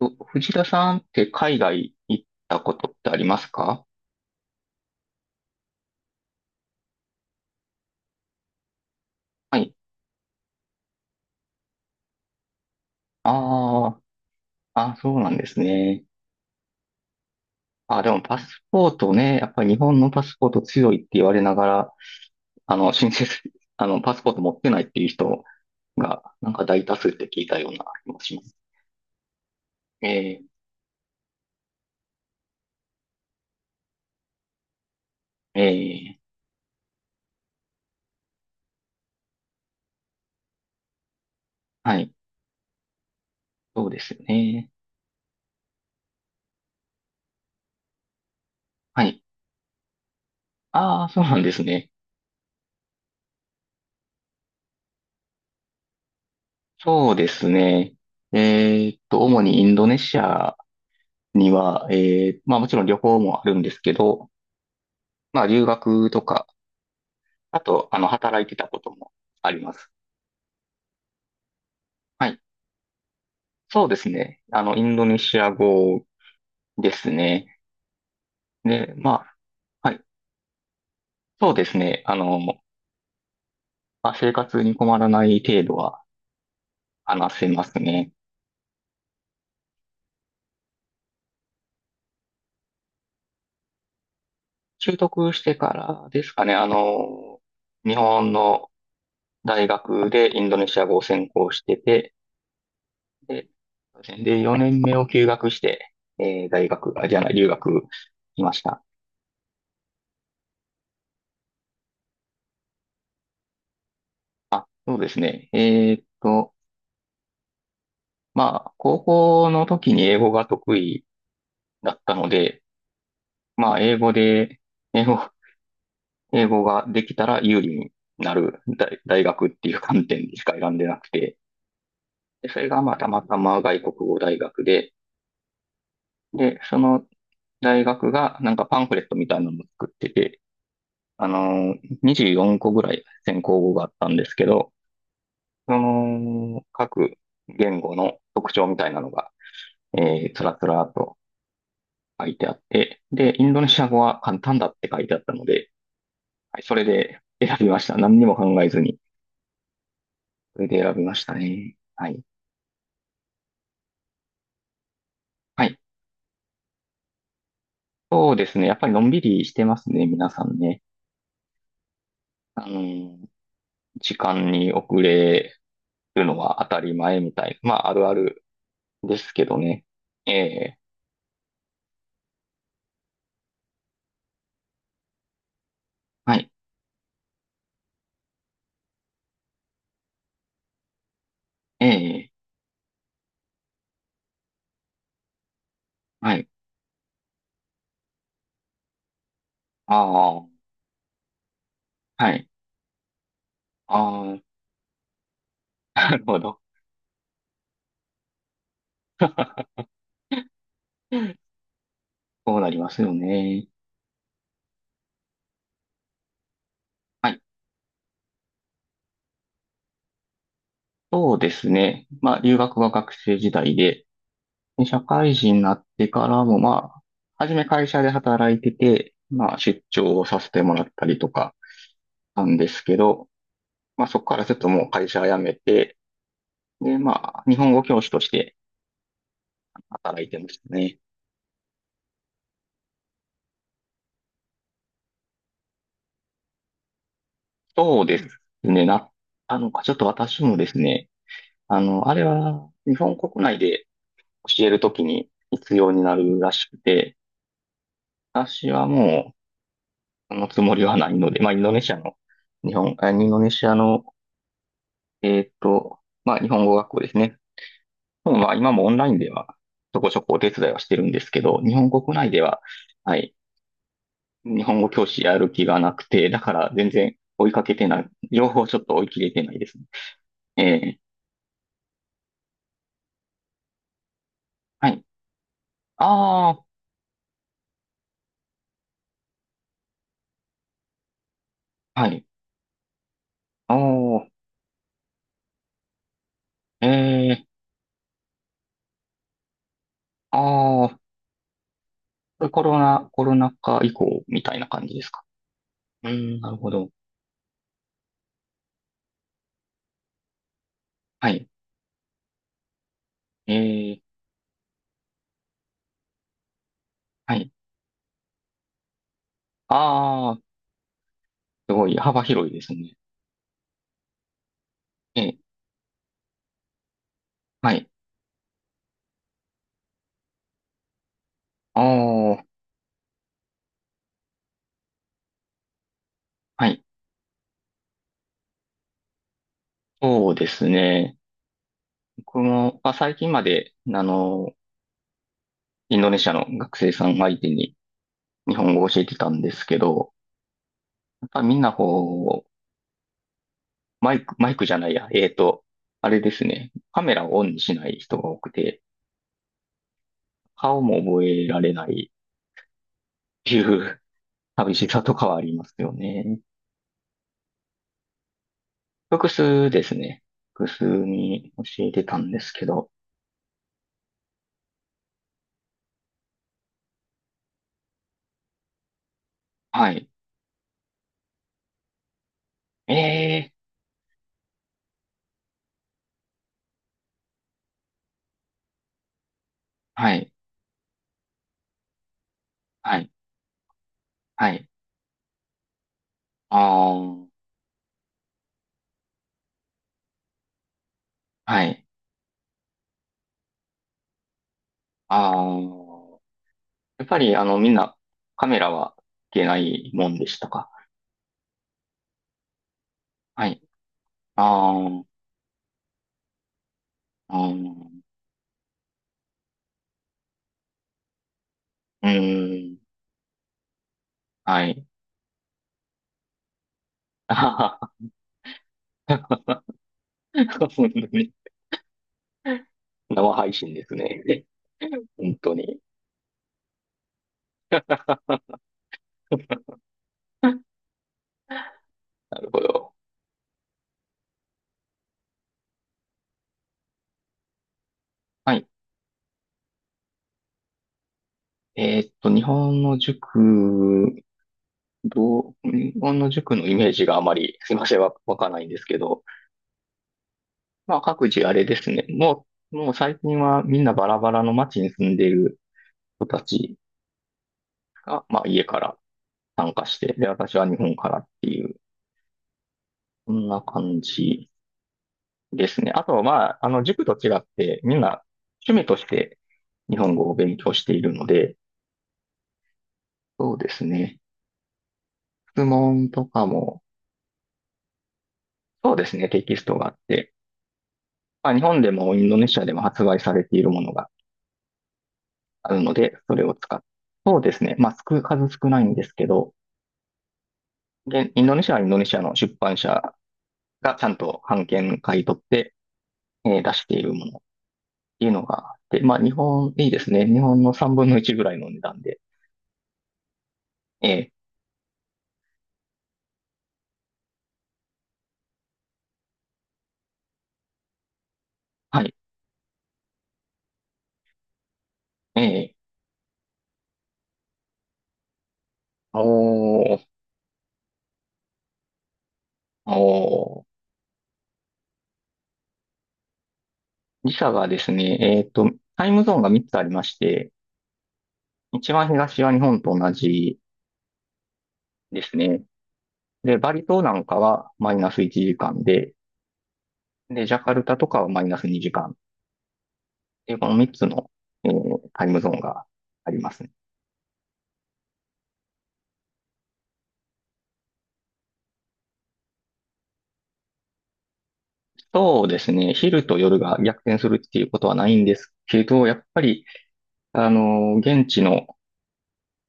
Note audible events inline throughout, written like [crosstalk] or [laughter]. と、藤田さんって海外行ったことってありますか？はい。ああ、あ、そうなんですね。あ、でもパスポートね、やっぱり日本のパスポート強いって言われながら、あの、申請す、[laughs] パスポート持ってないっていう人が、なんか大多数って聞いたような気もします。えー、えー、はい。そうですよね。はい。ああ、そうなんですね。そうですね。主にインドネシアには、まあもちろん旅行もあるんですけど、まあ、留学とか、あと、働いてたこともあります。はい。そうですね。インドネシア語ですね。で、まあ、はい。そうですね。まあ、生活に困らない程度は話せますね。習得してからですかね。日本の大学でインドネシア語を専攻してて、で、そうですね。で、4年目を休学して、大学、あ、じゃない、留学しました。そうですね。まあ、高校の時に英語が得意だったので、まあ、英語、英語ができたら有利になる大学っていう観点でしか選んでなくて、で、それがまあ、たまたま外国語大学で、で、その大学がなんかパンフレットみたいなのを作ってて、あのー、24個ぐらい専攻語があったんですけど、その、各言語の特徴みたいなのが、つらつらと書いてあって、で、インドネシア語は簡単だって書いてあったので、はい、それで選びました。何にも考えずに。それで選びましたね。はい。はい。そうですね。やっぱりのんびりしてますね、皆さんね。あの、時間に遅れるのは当たり前みたい。まあ、あるあるですけどね。ええ、はい。ええ、はい。ああ、はい。ああ、[laughs] なるほど。そうなりますよね。はい。そうですね。まあ、留学は学生時代で、で社会人になってからも、まあ、初め会社で働いてて、まあ、出張をさせてもらったりとかなんですけど、まあ、そこからずっともう会社辞めて、で、まあ、日本語教師として働いてましたね。そうですね。な、あの、ちょっと私もですね、あれは、日本国内で教えるときに必要になるらしくて、私はもう、そのつもりはないので、まあ、インドネシアの、日本、あインドネシアのえーっと、まあ、日本語学校ですね。日本は今もオンラインでは、ちょこちょこお手伝いはしてるんですけど、日本国内では、はい、日本語教師やる気がなくて、だから全然追いかけてない、情報をちょっと追い切れてないですね。えー、はい。ああ、はい。おー、えー、ああ、これコロナ禍以降みたいな感じですか？うーん、なるほど。はい。えー、はい。ああ、すごい幅広いですね。えー、はい。ああ、はい。そうですね。僕も、まあ、最近まで、インドネシアの学生さん相手に日本語を教えてたんですけど、やっぱみんなこう、マイク、マイクじゃないや、あれですね。カメラをオンにしない人が多くて、顔も覚えられないっていう [laughs] 寂しさとかはありますよね。複数ですね。複数に教えてたんですけど、はい。ええ、はい、はい、はい、ああ、はい、ああ、やっぱり、みんなカメラはいけないもんでしたか？はい。あーあー、うーん、はい。あはは、本当に。生配信ですね。本当に。[laughs] なるほど。はい。日本の塾、日本の塾のイメージがあまり、すいません、わかんないんですけど、まあ、各自あれですね。もう最近はみんなバラバラの街に住んでいる人たちが、まあ、家から参加して、で、私は日本からっていう、そんな感じですね。あと、まあ、塾と違って、みんな趣味として日本語を勉強しているので、そうですね。質問とかも、そうですね、テキストがあって、まあ、日本でもインドネシアでも発売されているものがあるので、それを使って、そうですね。まあ、少数少ないんですけど、インドネシアはインドネシアの出版社がちゃんと版権買い取って、出しているものいうのがあって、まあ、日本、いいですね。日本の3分の1ぐらいの値段で。ええ、はい、ええ、おー、おー。自社がですね、タイムゾーンが3つありまして、一番東は日本と同じですね。で、バリ島なんかはマイナス1時間で、で、ジャカルタとかはマイナス2時間っいうこの3つの、タイムゾーンがありますね。そうですね、昼と夜が逆転するっていうことはないんですけど、やっぱり、現地の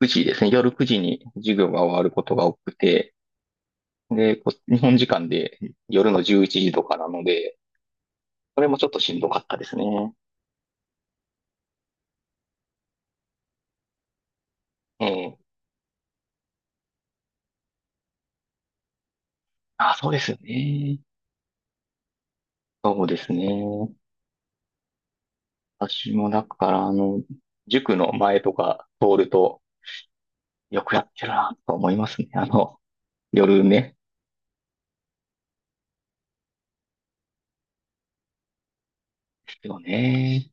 9時ですね。夜9時に授業が終わることが多くて、で、日本時間で夜の11時とかなので、それもちょっとしんどかったですね。ええ。あ、そうですよね。そうですね。私もだから、塾の前とか通ると、よくやってるなと思いますね。夜ね。ですよね。